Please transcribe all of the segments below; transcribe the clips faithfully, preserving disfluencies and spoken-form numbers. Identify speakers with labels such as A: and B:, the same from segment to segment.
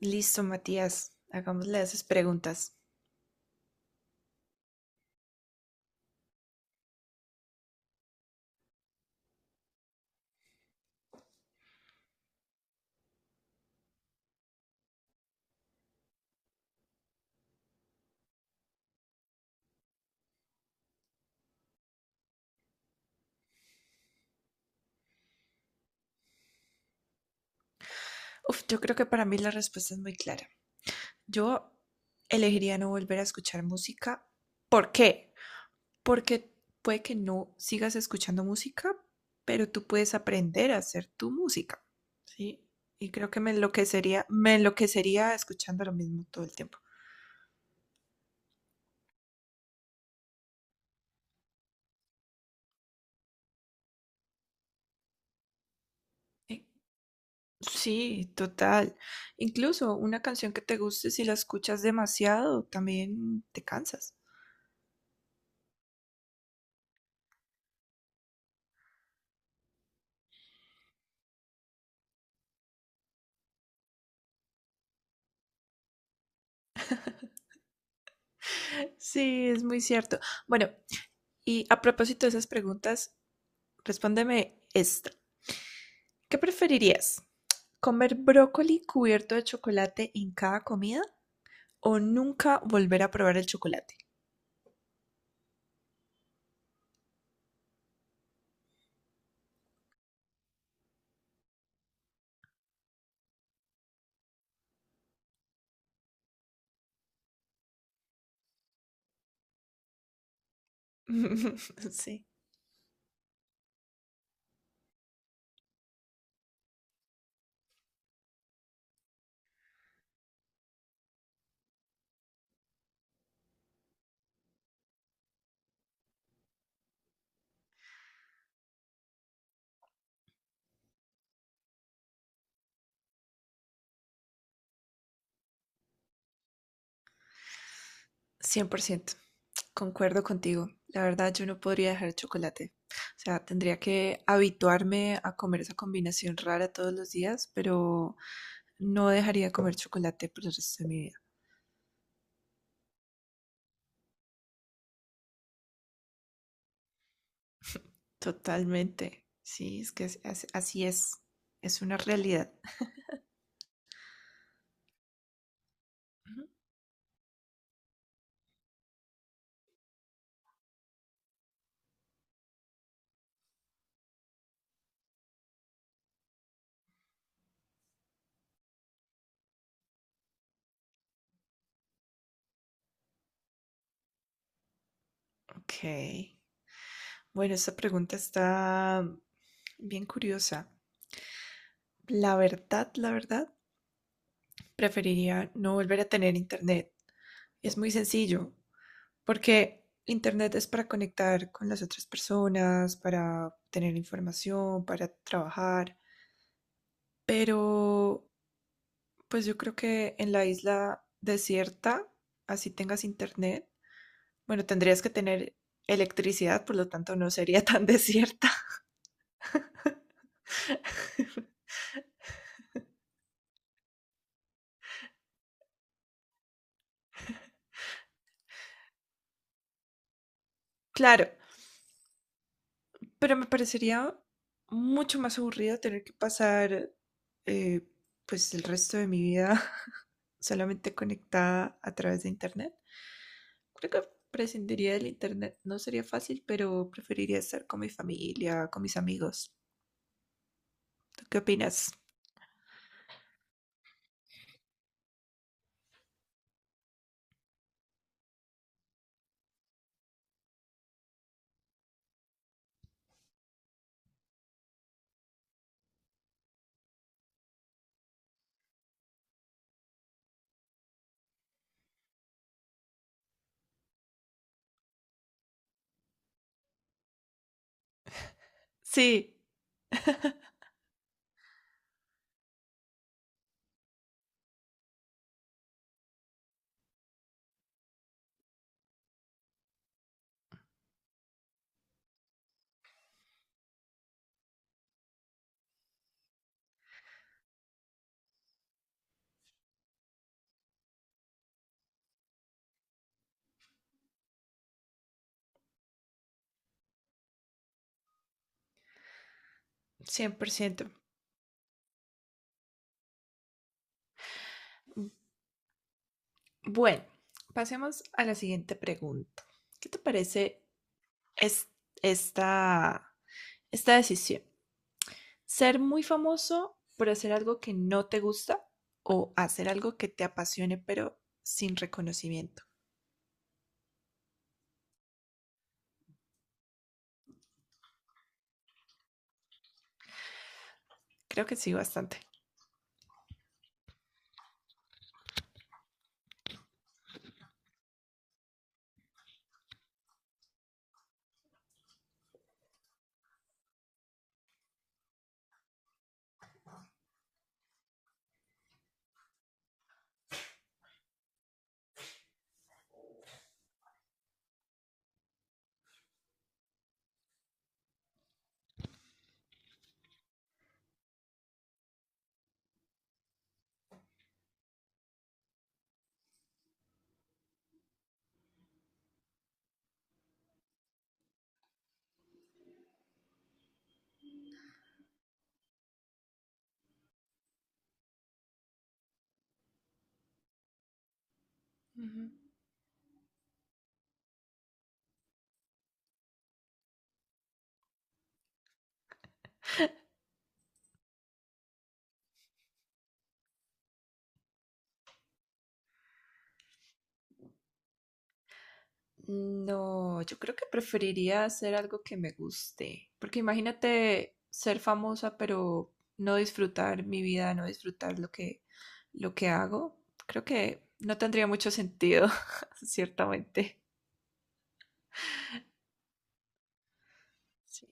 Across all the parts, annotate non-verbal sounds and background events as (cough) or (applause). A: Listo, Matías. Hagámosle esas preguntas. Uf, yo creo que para mí la respuesta es muy clara. Yo elegiría no volver a escuchar música. ¿Por qué? Porque puede que no sigas escuchando música, pero tú puedes aprender a hacer tu música. ¿Sí? Y creo que me enloquecería, me enloquecería escuchando lo mismo todo el tiempo. Eh, Sí, total. Incluso una canción que te guste, si la escuchas demasiado, también te cansas. Sí, es muy cierto. Bueno, y a propósito de esas preguntas, respóndeme esta. ¿Qué preferirías? ¿Comer brócoli cubierto de chocolate en cada comida o nunca volver a probar el chocolate? (laughs) Sí, cien por ciento concuerdo contigo. La verdad, yo no podría dejar el chocolate. O sea, tendría que habituarme a comer esa combinación rara todos los días, pero no dejaría de comer chocolate por el resto de mi vida. Totalmente. Sí, es que es- as- así es. Es una realidad. Ujú. Ok. Bueno, esta pregunta está bien curiosa. La verdad, la verdad, preferiría no volver a tener internet. Es muy sencillo, porque internet es para conectar con las otras personas, para tener información, para trabajar, pero pues yo creo que en la isla desierta, así tengas internet, bueno, tendrías que tener electricidad, por lo tanto no sería tan (laughs) desierta. Claro, pero me parecería mucho más aburrido tener que pasar eh, pues el resto de mi vida (laughs) solamente conectada a través de internet. Creo que prescindiría del internet. No sería fácil, pero preferiría estar con mi familia, con mis amigos. ¿Tú qué opinas? Sí, cien por ciento. Bueno, pasemos a la siguiente pregunta. ¿Qué te parece es- esta, esta decisión? ¿Ser muy famoso por hacer algo que no te gusta o hacer algo que te apasione pero sin reconocimiento? Creo que sí, bastante. Ujú. No, yo creo que preferiría hacer algo que me guste, porque imagínate ser famosa pero no disfrutar mi vida, no disfrutar lo que lo que hago. Creo que no tendría mucho sentido, (laughs) ciertamente. Sí.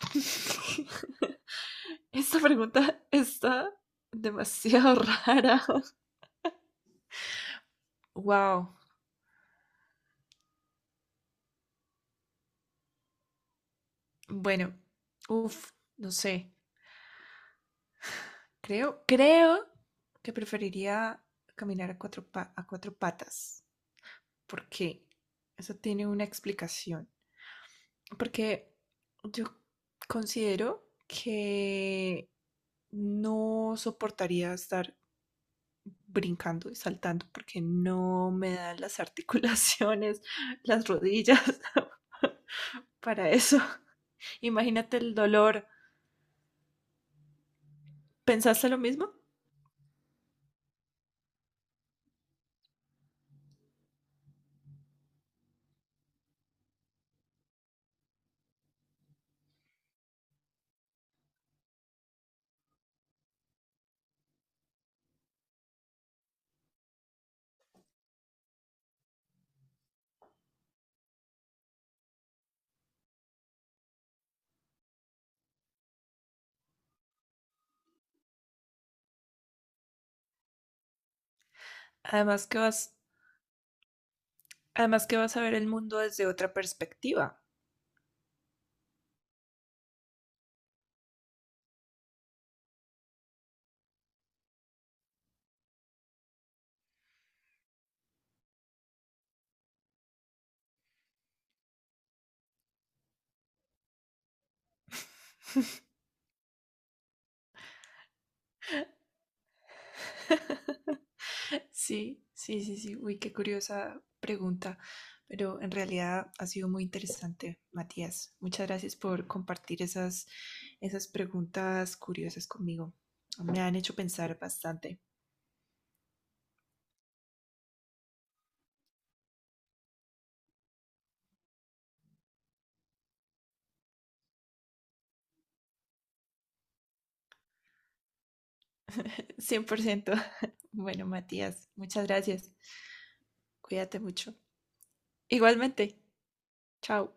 A: (laughs) Esta pregunta está demasiado (laughs) rara. Wow. Bueno, uff, no sé. Creo, creo que preferiría caminar a cuatro pa- a cuatro patas. ¿Por qué? Eso tiene una explicación. Porque yo considero que no soportaría estar brincando y saltando porque no me dan las (laughs) articulaciones, las rodillas (laughs) para eso. Imagínate el dolor. ¿Pensaste lo mismo? Además que vas, además que vas a ver el mundo desde otra perspectiva. (laughs) Sí, sí, sí, sí. Uy, qué curiosa pregunta, pero en realidad ha sido muy interesante, Matías. Muchas gracias por compartir esas, esas preguntas curiosas conmigo. Me han hecho pensar bastante. Cien por ciento. (laughs) Bueno, Matías, muchas gracias. Cuídate mucho. Igualmente. Chao.